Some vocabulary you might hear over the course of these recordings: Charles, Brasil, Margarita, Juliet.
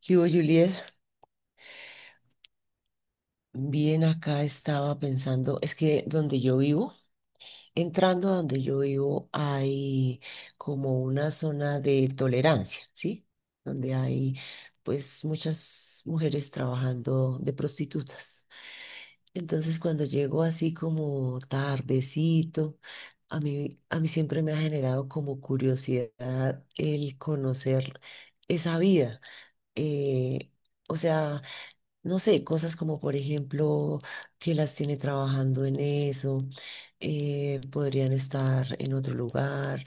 ¿Qué hubo, Juliet? Bien, acá estaba pensando, es que donde yo vivo, entrando a donde yo vivo, hay como una zona de tolerancia, ¿sí? Donde hay pues muchas mujeres trabajando de prostitutas. Entonces cuando llego así como tardecito, a mí siempre me ha generado como curiosidad el conocer esa vida. Eh, o sea... no sé, cosas como por ejemplo que las tiene trabajando en eso, podrían estar en otro lugar.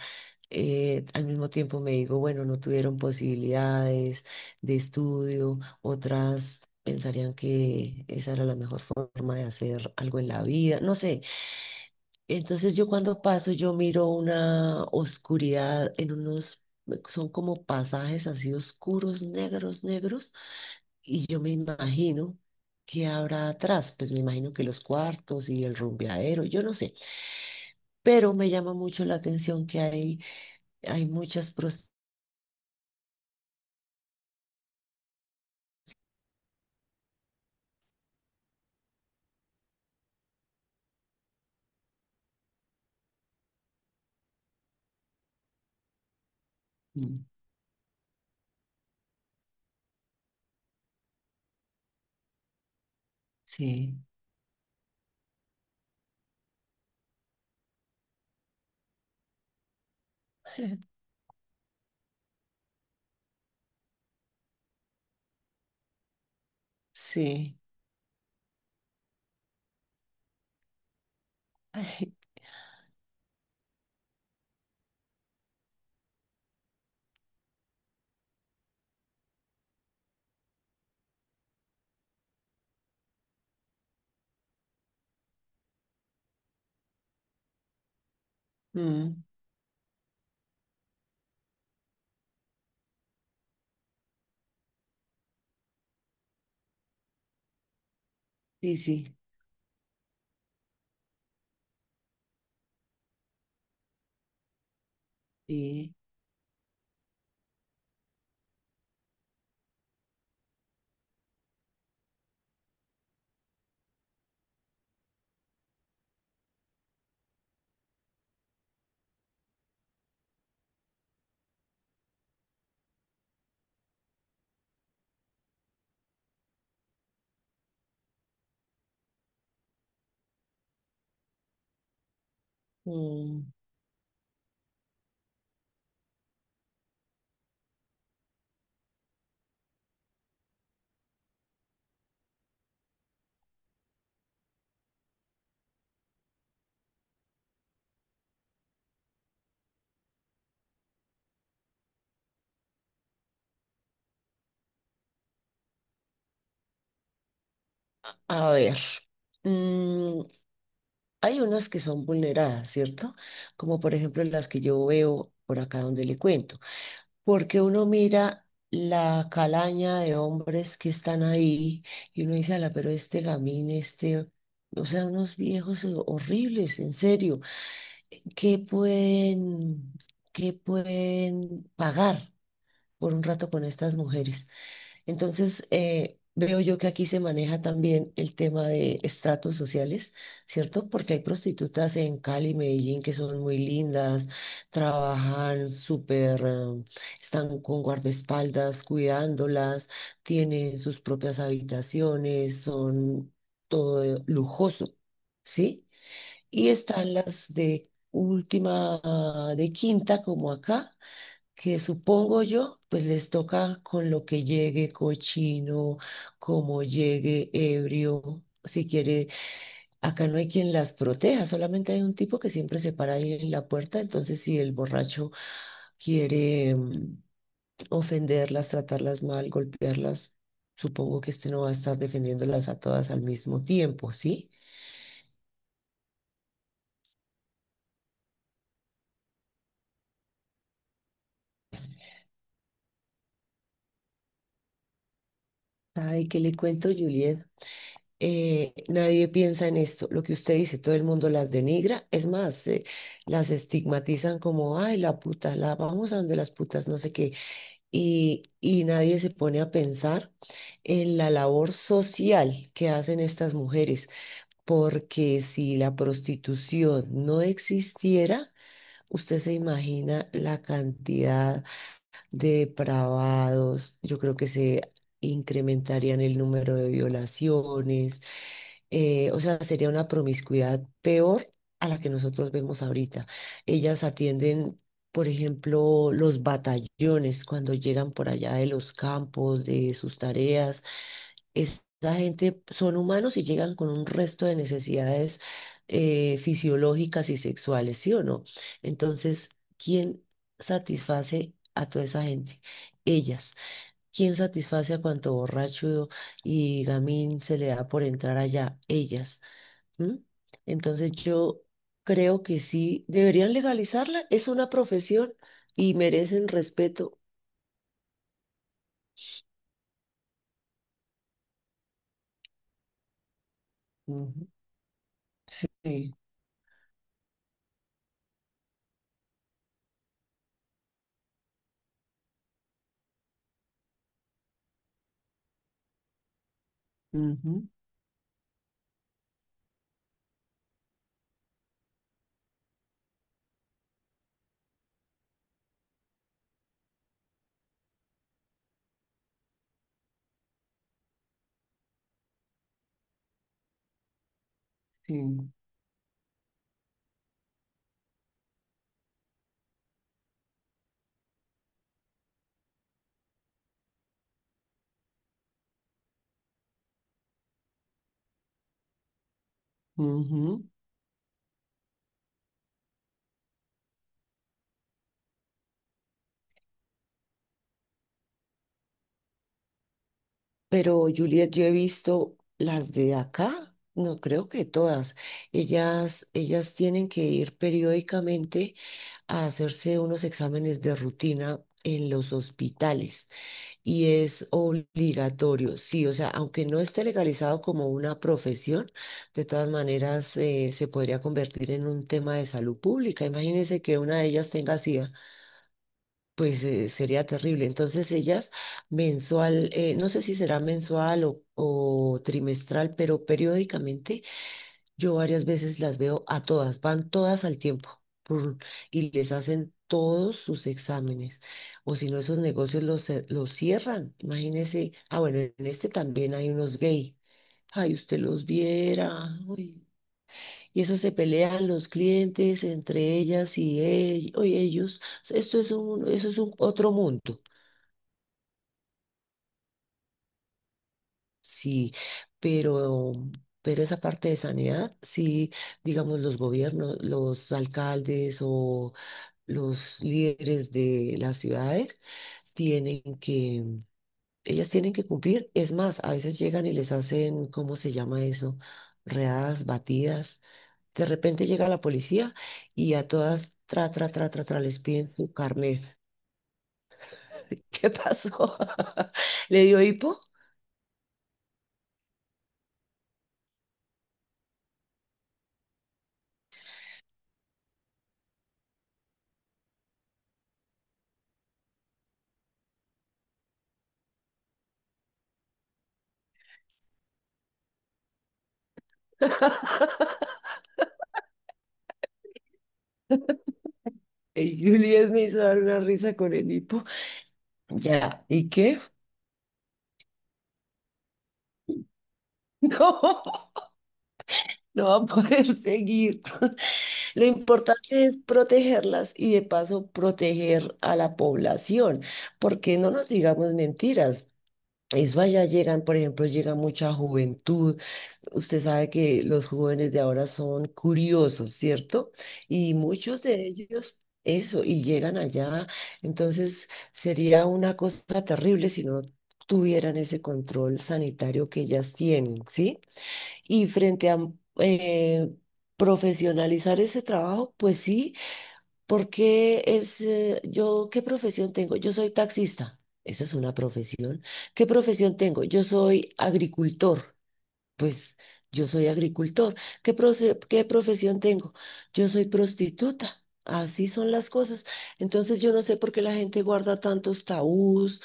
Al mismo tiempo me digo, bueno, no tuvieron posibilidades de estudio, otras pensarían que esa era la mejor forma de hacer algo en la vida, no sé. Entonces yo cuando paso, yo miro una oscuridad en unos, son como pasajes así oscuros, negros, negros y yo me imagino que habrá atrás, pues me imagino que los cuartos y el rumbeadero, yo no sé, pero me llama mucho la atención que hay muchas Mm, Sí, sí, ay, mm, sí, sí, sí. Mm. A ver, mm, hay unas que son vulneradas, ¿cierto? Como por ejemplo las que yo veo por acá donde le cuento. Porque uno mira la calaña de hombres que están ahí y uno dice, ala, pero este gamín, o sea, unos viejos horribles, en serio, ¿qué pueden, ¿qué pueden pagar por un rato con estas mujeres? Entonces, veo yo que aquí se maneja también el tema de estratos sociales, ¿cierto? Porque hay prostitutas en Cali, Medellín, que son muy lindas, trabajan súper, están con guardaespaldas cuidándolas, tienen sus propias habitaciones, son todo lujoso, ¿sí? Y están las de última, ah, de quinta, como acá que supongo yo, pues les toca con lo que llegue, cochino, como llegue, ebrio, si quiere, acá no hay quien las proteja, solamente hay un tipo que siempre se para ahí en la puerta, entonces si el borracho quiere ofenderlas, tratarlas mal, golpearlas, supongo que este no va a estar defendiéndolas a todas al mismo tiempo, ¿sí? Ay, ¿qué le cuento, Juliet? Nadie piensa en esto. Lo que usted dice, todo el mundo las denigra. Es más, las estigmatizan como, ay, la puta, la vamos a donde las putas, no sé qué. Y nadie se pone a pensar en la labor social que hacen estas mujeres, porque si la prostitución no existiera, usted se imagina la cantidad depravados, yo creo que se incrementarían el número de violaciones, o sea, sería una promiscuidad peor a la que nosotros vemos ahorita. Ellas atienden, por ejemplo, los batallones cuando llegan por allá de los campos, de sus tareas esa gente son humanos y llegan con un resto de necesidades fisiológicas y sexuales, ¿sí o no? Entonces, ¿quién satisface a toda esa gente? Ellas. ¿Quién satisface a cuanto borracho y gamín se le da por entrar allá? Ellas. ¿M? Entonces, yo creo que sí, deberían legalizarla. Es una profesión y merecen respeto. Ujú, sí, ujú, sí, ujú. Pero Juliet, yo he visto las de acá, no creo que todas. Ellas tienen que ir periódicamente a hacerse unos exámenes de rutina en los hospitales y es obligatorio, sí, o sea, aunque no esté legalizado como una profesión, de todas maneras se podría convertir en un tema de salud pública. Imagínense que una de ellas tenga SIDA. Pues sería terrible. Entonces ellas mensual, no sé si será mensual o trimestral, pero periódicamente yo varias veces las veo a todas, van todas al tiempo pur, y les hacen todos sus exámenes. O si no, esos negocios los cierran. Imagínese, ah, bueno, en este también hay unos gay. Ay, usted los viera. Uy. Y eso se pelean los clientes entre ellas y o ellos. Eso es un otro mundo, sí, pero, pero esa parte de sanidad, sí, digamos, los gobiernos, los alcaldes o los líderes de las ciudades tienen que, ellas tienen que cumplir. Es más, a veces llegan y les hacen, ¿cómo se llama eso? Readas, batidas. De repente llega la policía y a todas, tra, tra, tra, tra, tra, les piden su carnet. ¿Qué pasó? ¿Le dio hipo? Y Juliet me hizo dar una risa con el hipo. Ya, ¿y qué? No, no va a poder seguir. Lo importante es protegerlas y de paso proteger a la población, porque no nos digamos mentiras. Eso allá llegan, por ejemplo, llega mucha juventud. Usted sabe que los jóvenes de ahora son curiosos, ¿cierto? Y muchos de ellos, eso, y llegan allá. Entonces, sería una cosa terrible si no tuvieran ese control sanitario que ellas tienen, ¿sí? Y frente a eh, profesionalizar ese trabajo, pues sí. Porque es, yo, ¿qué profesión tengo? Yo soy taxista, eso es una profesión. ¿Qué profesión tengo? Yo soy agricultor, pues yo soy agricultor. ¿Qué profesión tengo? Yo soy prostituta, así son las cosas. Entonces yo no sé por qué la gente guarda tantos tabús,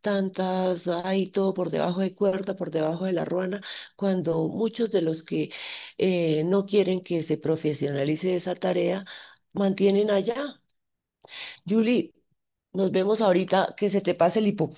tantas, ay, todo por debajo de cuerda, por debajo de la ruana, cuando muchos de los que no quieren que se profesionalice esa tarea, mantienen allá. Julie, nos vemos ahorita, que se te pase el hipo.